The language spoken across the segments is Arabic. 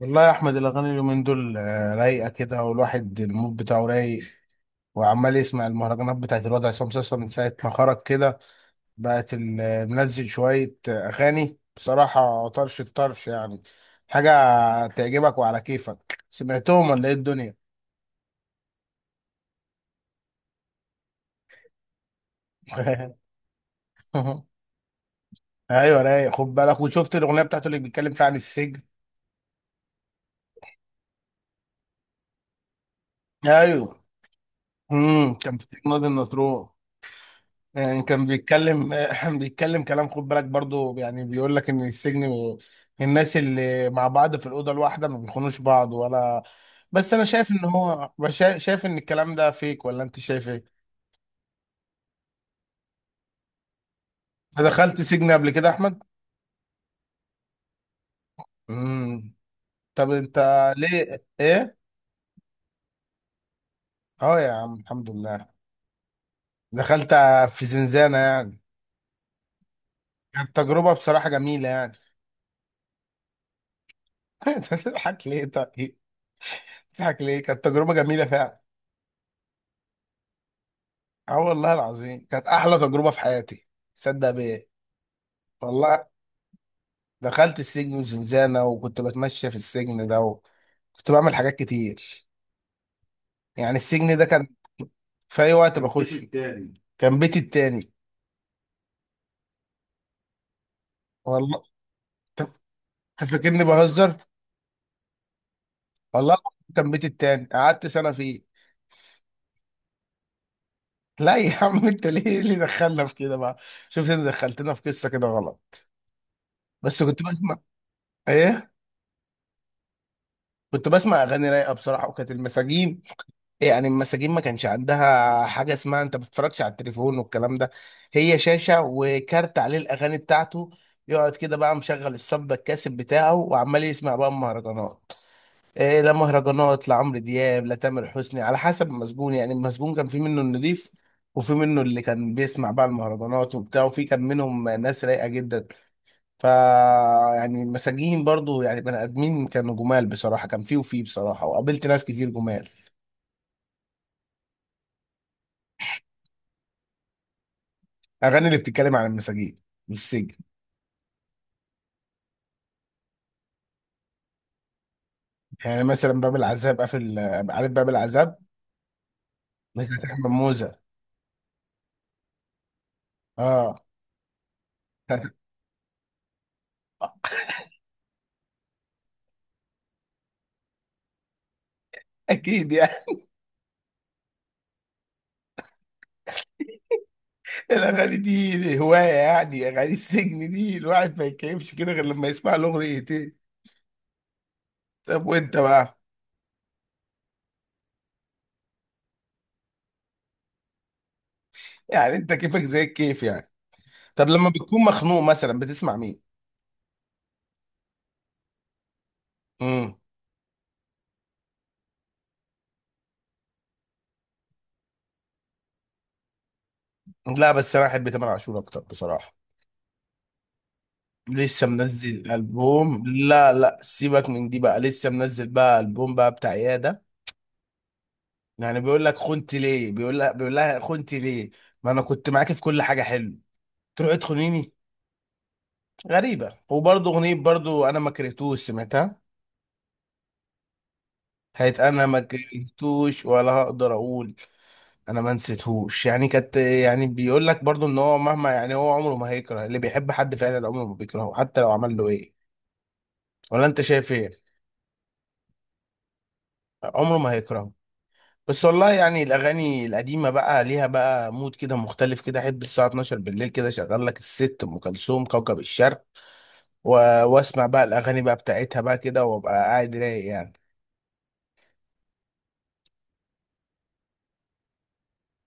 والله يا احمد الاغاني اليومين دول رايقه كده، والواحد المود بتاعه رايق وعمال يسمع المهرجانات بتاعت الوضع. عصام صاصا من ساعه ما خرج كده بقت منزل شويه اغاني بصراحه، طرش الطرش. يعني حاجه تعجبك وعلى كيفك سمعتهم، ولا ايه الدنيا؟ ايوه رايق، خد بالك، وشفت الاغنيه بتاعته اللي بيتكلم فيها عن السجن؟ ايوه. كان في نادي النطرون. يعني كان بيتكلم بيتكلم كلام، خد بالك برضو، يعني بيقول لك ان السجن الناس اللي مع بعض في الاوضه الواحده ما بيخونوش بعض ولا. بس انا شايف ان شايف ان الكلام ده فيك، ولا انت شايف ايه؟ أنت دخلت سجن قبل كده يا احمد؟ امم طب انت ليه ايه؟ اه يا عم الحمد لله، دخلت في زنزانه يعني. كانت تجربه بصراحه جميله يعني. انت بتضحك ليه طيب؟ بتضحك ليه؟ كانت تجربه جميله فعلا. اه والله العظيم كانت احلى تجربه في حياتي، صدق بيه. والله دخلت السجن وزنزانه، وكنت بتمشى في السجن ده، وكنت بعمل حاجات كتير. يعني السجن ده كان في اي وقت كان بيت بخشه التاني، كان بيتي التاني. والله ت- تفكرني بهزر. والله العظيم كان بيتي التاني، قعدت سنه فيه. لا يا عم، انت ليه إيه اللي دخلنا في كده بقى؟ شفت، انت دخلتنا في قصه كده غلط. بس كنت بسمع ايه. كنت بسمع اغاني رايقه بصراحه، وكانت المساجين يعني المساجين ما كانش عندها حاجه اسمها انت ما بتتفرجش على التليفون والكلام ده. هي شاشه وكارت عليه الاغاني بتاعته، يقعد كده بقى مشغل الصب الكاسب بتاعه وعمال يسمع بقى مهرجانات. إيه، لا مهرجانات، لا عمرو دياب، لا تامر حسني، على حسب المسجون. يعني المسجون كان في منه النضيف، وفي منه اللي كان بيسمع بقى المهرجانات وبتاع، وفي كان منهم ناس رايقه جدا. ف يعني المساجين برضو يعني بني ادمين، كانوا جمال بصراحه، كان فيه وفيه بصراحه، وقابلت ناس كتير جمال. اغاني اللي بتتكلم عن المساجين والسجن. يعني مثلا باب العذاب قافل، عارف باب العذاب؟ بتاعت احمد موزة. اه بتاعت- اكيد يعني. الاغاني دي هوايه، يعني اغاني السجن دي الواحد ما يتكيفش كده غير لما يسمع الاغنيتين. طب وانت بقى؟ يعني انت كيفك زي الكيف يعني. طب لما بتكون مخنوق مثلا بتسمع مين؟ امم لا، بس انا احب تامر عاشور اكتر بصراحه. لسه منزل البوم؟ لا لا، سيبك من دي بقى، لسه منزل بقى البوم بقى بتاع ايه. يعني بيقول لك خنت ليه، بيقول لها خنت ليه، ما انا كنت معاكي في كل حاجه حلو، تروحي تخونيني. غريبه، وبرضه اغنيه برضه انا ما كرهتوش، سمعتها. هيت انا ما كرهتوش، ولا هقدر اقول انا ما نسيتهوش. يعني كانت يعني بيقول لك برضه ان هو مهما يعني هو عمره ما هيكره اللي بيحب، حد فعلا عمره ما بيكرهه حتى لو عمل له ايه. ولا انت شايف ايه؟ عمره ما هيكرهه. بس والله يعني الاغاني القديمه بقى ليها بقى مود كده مختلف كده. احب الساعه 12 بالليل كده شغال لك الست ام كلثوم كوكب الشرق و... واسمع بقى الاغاني بقى بتاعتها بقى كده، وابقى قاعد رايق يعني.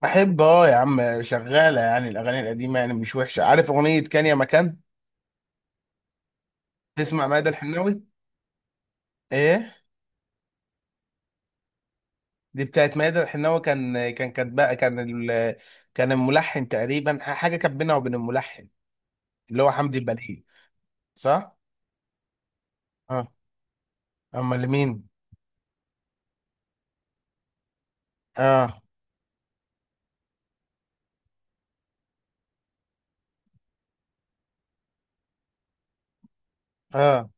بحب اه يا عم، شغاله يعني الاغاني القديمه، يعني مش وحشه. عارف اغنيه كان يا مكان؟ تسمع ماذا الحناوي؟ ايه. دي بتاعت ماذا الحناوي. كان ال... كان الملحن تقريبا حاجه كانت بينها وبين الملحن، اللي هو حمدي البليل. صح. اه امال مين. اه. اه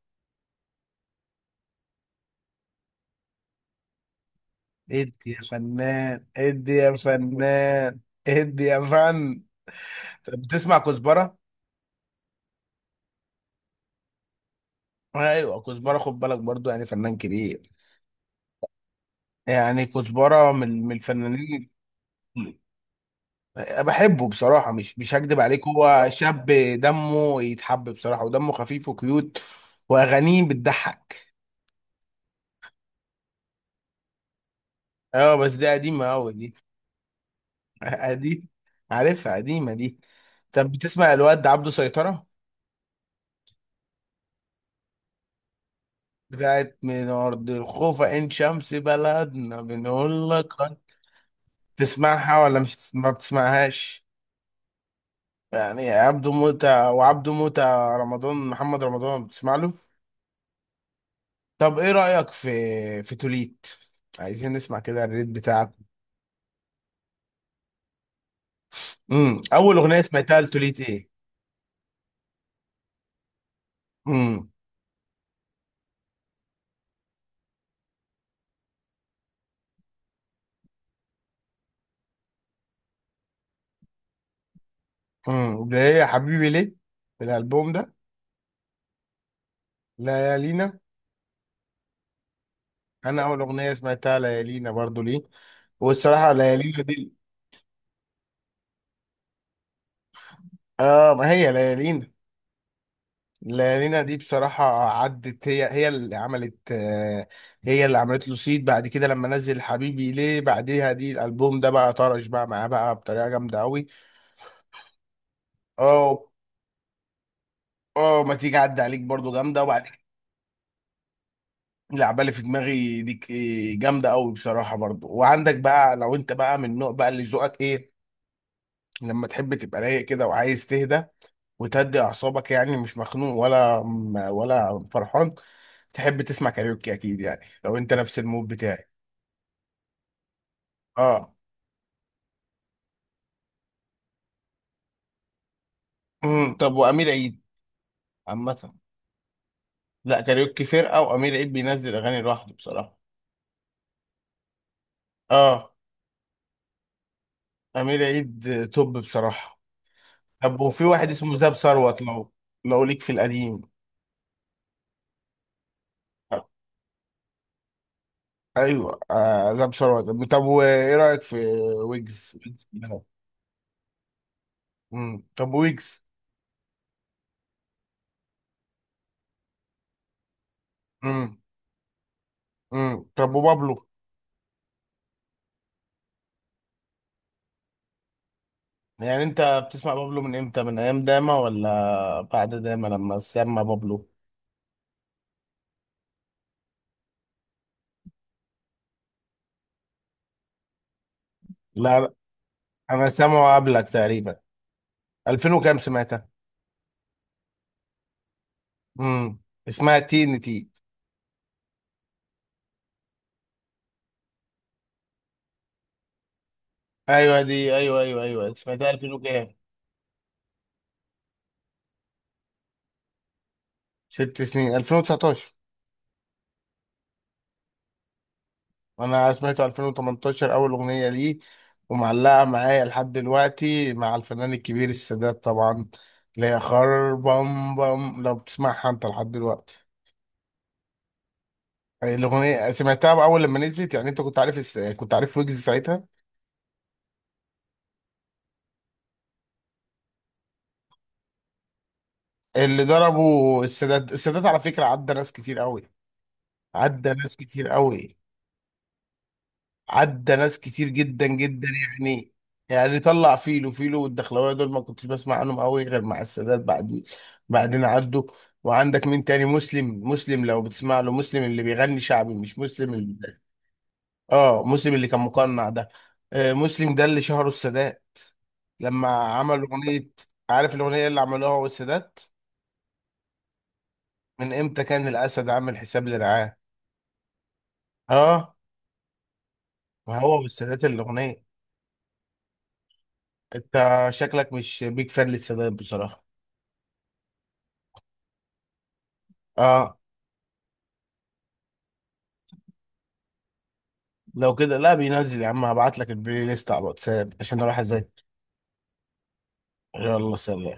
ادي يا فنان، ادي يا فنان، ادي يا فن. طب بتسمع كزبره؟ ايوه كزبره، خد بالك برضو، يعني فنان كبير. يعني كزبره من الفنانين. بحبه بصراحه، مش هكدب عليك، هو شاب دمه يتحب بصراحه، ودمه خفيف وكيوت، واغانيه بتضحك. اه بس دي قديمه قوي دي. دي عارفها، قديمه دي. طب بتسمع الواد عبده سيطره؟ بتاعت من ارض الخوفة ان شمس بلدنا بنقول لك تسمعها ولا مش تسمع؟ ما بتسمعهاش؟ يعني عبده موتة وعبده موتة. رمضان، محمد رمضان، بتسمع له؟ طب ايه رأيك في توليت؟ عايزين نسمع كده الريت بتاعك. اول اغنية سمعتها لتوليت ايه؟ امم ده هي حبيبي ليه في الالبوم ده؟ ليالينا. انا اول اغنية سمعتها ليالينا برضو، ليه. والصراحة ليالينا دي، اه، ما هي ليالينا. لينا دي بصراحة عدت، هي هي اللي عملت هي اللي عملت له سيد بعد كده لما نزل حبيبي ليه بعديها. دي الألبوم ده بقى طرش بقى معاه بقى بطريقة جامدة أوي. اه. اه ما تيجي عدى عليك برضو جامدة. وبعد كده العبالة اللي في دماغي دي، ك- إيه، جامدة أوي بصراحة برضو. وعندك بقى لو أنت بقى من النوع بقى اللي ذوقك إيه، لما تحب تبقى رايق كده وعايز تهدى وتهدي أعصابك، يعني مش مخنوق ولا ولا فرحان، تحب تسمع كاريوكي أكيد، يعني لو أنت نفس المود بتاعي. اه. طب وامير عيد عامه؟ لا كاريوكي فرقه، وامير عيد بينزل اغاني لوحده بصراحه. اه، امير عيد توب بصراحه. طب وفي واحد اسمه زاب ثروت، لو ليك في القديم. ايوه آه زاب ثروت. طب وايه رايك في ويجز؟ ويجز ده. طب ويجز. امم طب وبابلو؟ يعني انت بتسمع بابلو من امتى؟ من ايام داما ولا بعد داما لما سمع بابلو؟ لا، انا سامعه قبلك تقريبا، 2000 وكام سمعت. امم اسمها تي ان تي. ايوه دي، ايوه ايوه ايوه، سمعتها 2000 وكام. ست سنين، 2019. انا سمعته 2018 اول اغنيه ليه، ومعلقه معايا لحد دلوقتي، مع الفنان الكبير السادات طبعا، اللي هي خربم بم، لو بتسمعها انت لحد دلوقتي. الاغنيه سمعتها اول لما نزلت، يعني انت كنت عارف كنت عارف ويجز ساعتها؟ اللي ضربه السادات على فكره عدى ناس كتير قوي، عدى ناس كتير قوي، عدى ناس كتير جدا جدا. يعني يعني طلع فيلو والدخلاويه دول، ما كنتش بسمع عنهم قوي غير مع السادات، بعد بعدين عدوا. وعندك مين تاني؟ مسلم. لو بتسمع له مسلم اللي بيغني شعبي، مش مسلم اللي اه مسلم اللي كان مقنع ده. آه مسلم ده اللي شهره السادات لما عمل اغنيه. عارف الاغنيه اللي عملوها هو والسادات؟ من امتى كان الاسد عامل حساب لرعاه. اه ما هو والسادات الاغنيه. انت شكلك مش بيك فان للسادات بصراحه. اه. لو كده، لا بينزل يا عم، هبعت لك البلاي ليست على الواتساب عشان اروح اذاكر. يلا سلام.